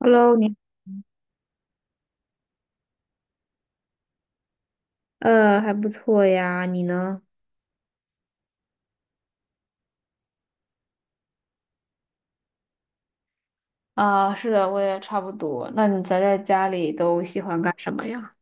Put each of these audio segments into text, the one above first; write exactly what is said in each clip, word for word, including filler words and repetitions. Hello，你，呃，还不错呀，你呢？啊，是的，我也差不多。那你宅在家里都喜欢干什么呀？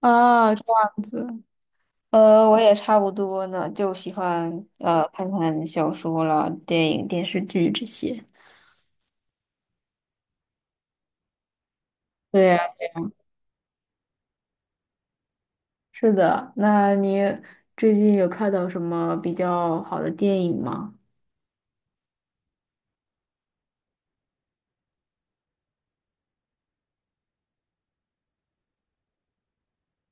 啊，这样子，呃，我也差不多呢，就喜欢呃看看小说了、电影、电视剧这些。对，是的。那你最近有看到什么比较好的电影吗？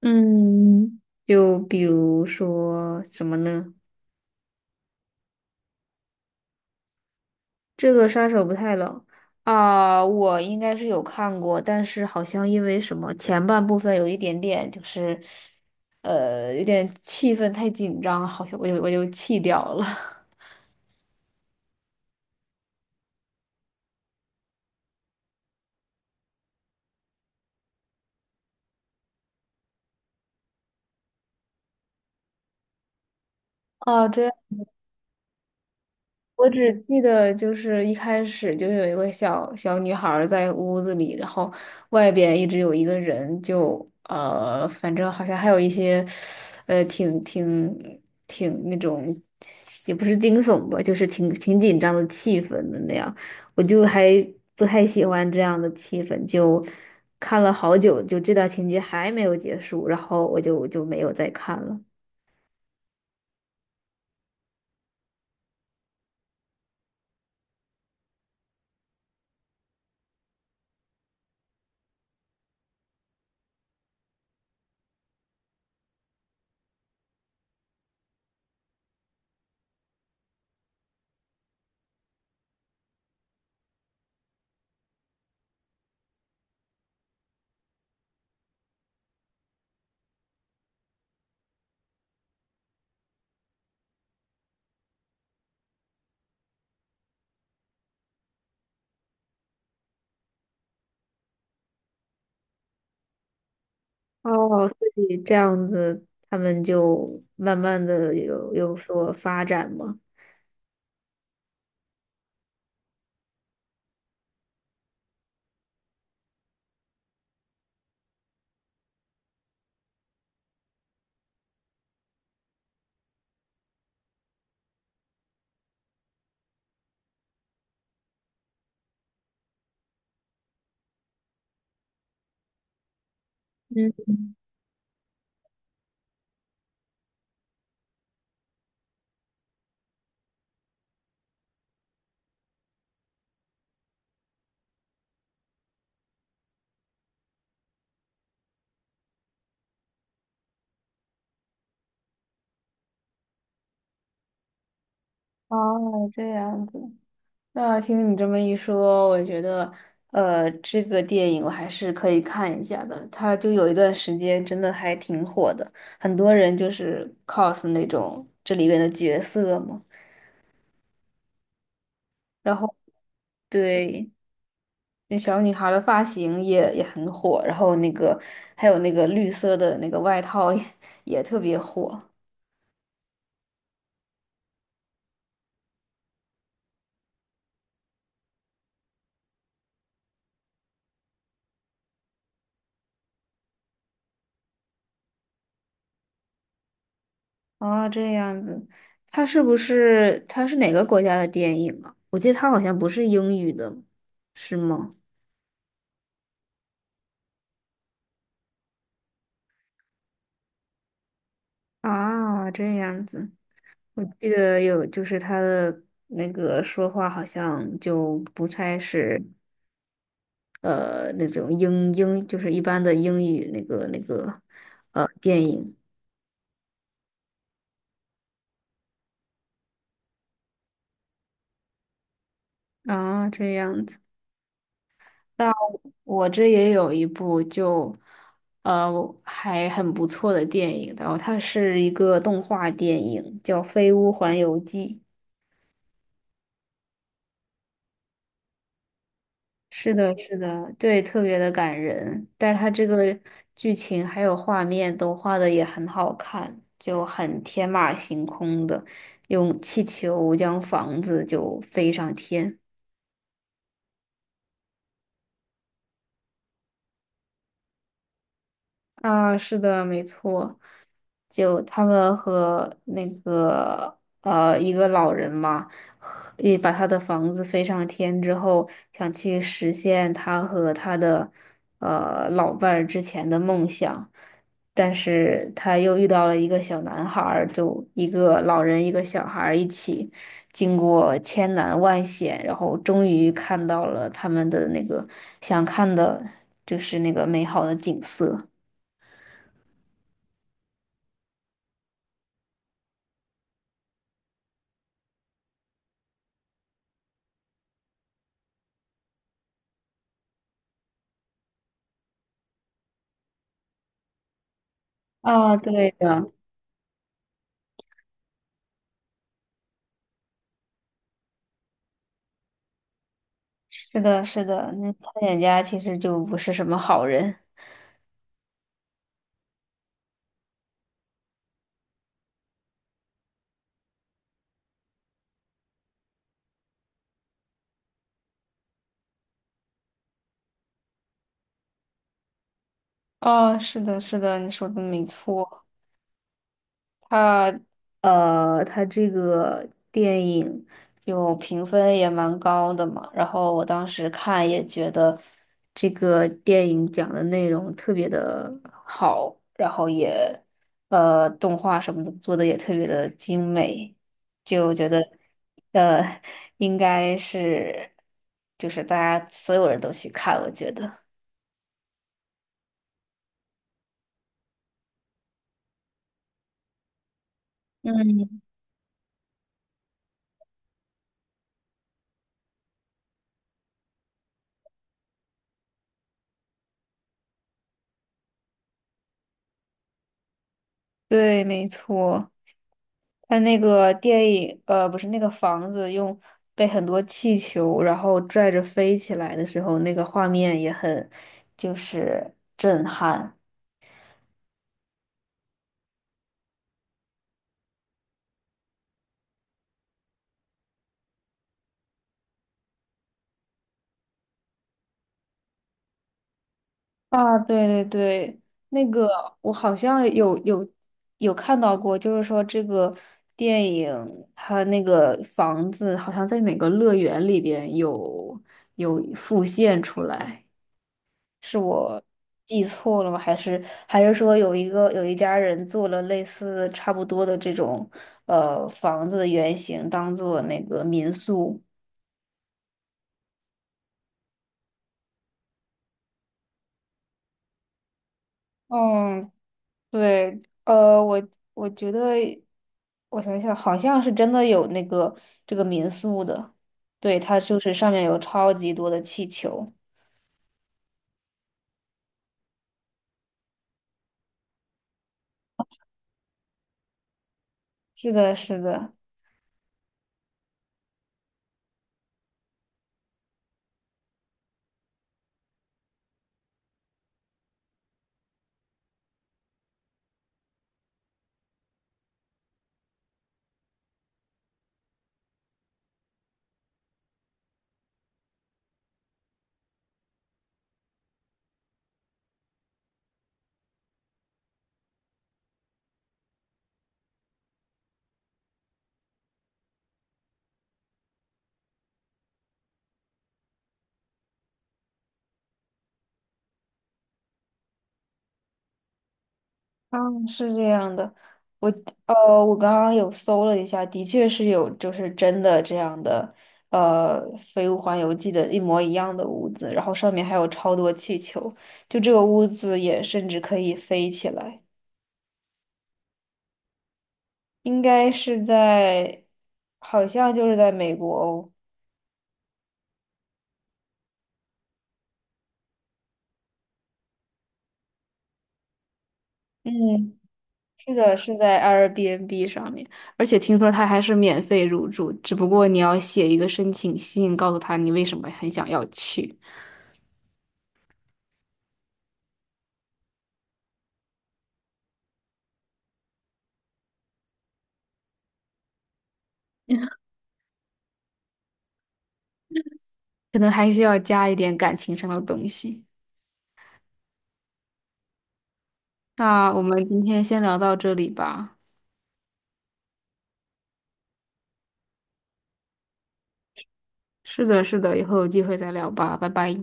嗯，就比如说什么呢？这个杀手不太冷啊，我应该是有看过，但是好像因为什么前半部分有一点点就是，呃，有点气氛太紧张，好像我就我就弃掉了。啊，这我只记得就是一开始就有一个小小女孩儿在屋子里，然后外边一直有一个人就，呃，反正好像还有一些，呃，挺挺挺那种，也不是惊悚吧，就是挺挺紧张的气氛的那样，我就还不太喜欢这样的气氛，就看了好久，就这段情节还没有结束，然后我就就没有再看了。哦，所以这样子，他们就慢慢的有有所发展嘛。嗯，哦，这样子。那听你这么一说，我觉得，呃，这个电影我还是可以看一下的。它就有一段时间真的还挺火的，很多人就是 cos 那种这里面的角色嘛。然后，对，那小女孩的发型也也很火，然后那个还有那个绿色的那个外套也也特别火。哦，这样子，他是不是他是哪个国家的电影啊？我记得他好像不是英语的，是吗？啊，这样子，我记得有，就是他的那个说话好像就不太是呃那种英英，就是一般的英语那个那个呃电影啊，这样子。那我这也有一部就，呃，还很不错的电影，然后它是一个动画电影，叫《飞屋环游记》。是的，是的，对，特别的感人，但是它这个剧情还有画面都画的也很好看，就很天马行空的，用气球将房子就飞上天。啊，是的，没错，就他们和那个呃一个老人嘛，和也把他的房子飞上天之后，想去实现他和他的呃老伴儿之前的梦想，但是他又遇到了一个小男孩儿，就一个老人一个小孩儿一起，经过千难万险，然后终于看到了他们的那个想看的，就是那个美好的景色。啊，对的，是的，是的，那探险家其实就不是什么好人。哦，是的，是的，你说的没错。他呃，他这个电影就评分也蛮高的嘛，然后我当时看也觉得这个电影讲的内容特别的好，然后也呃动画什么的做的也特别的精美，就觉得呃应该是就是大家所有人都去看，我觉得。嗯，对，没错。它那个电影，呃，不是那个房子用被很多气球然后拽着飞起来的时候，那个画面也很就是震撼啊！对对对，那个我好像有有有看到过，就是说这个电影它那个房子好像在哪个乐园里边有有复现出来。是我记错了吗？还是还是说有一个有一家人做了类似差不多的这种呃房子的原型，当做那个民宿？嗯，对，呃，我我觉得我想想，好像是真的有那个这个民宿的，对，它就是上面有超级多的气球。是的，是的。嗯，是这样的，我呃，我刚刚有搜了一下，的确是有，就是真的这样的，呃，《飞屋环游记》的一模一样的屋子，然后上面还有超多气球，就这个屋子也甚至可以飞起来，应该是在，好像就是在美国哦，嗯，是的，是在 Airbnb 上面，而且听说它还是免费入住，只不过你要写一个申请信，告诉他你为什么很想要去。可能还需要加一点感情上的东西。那我们今天先聊到这里吧。是的，是的，以后有机会再聊吧，拜拜。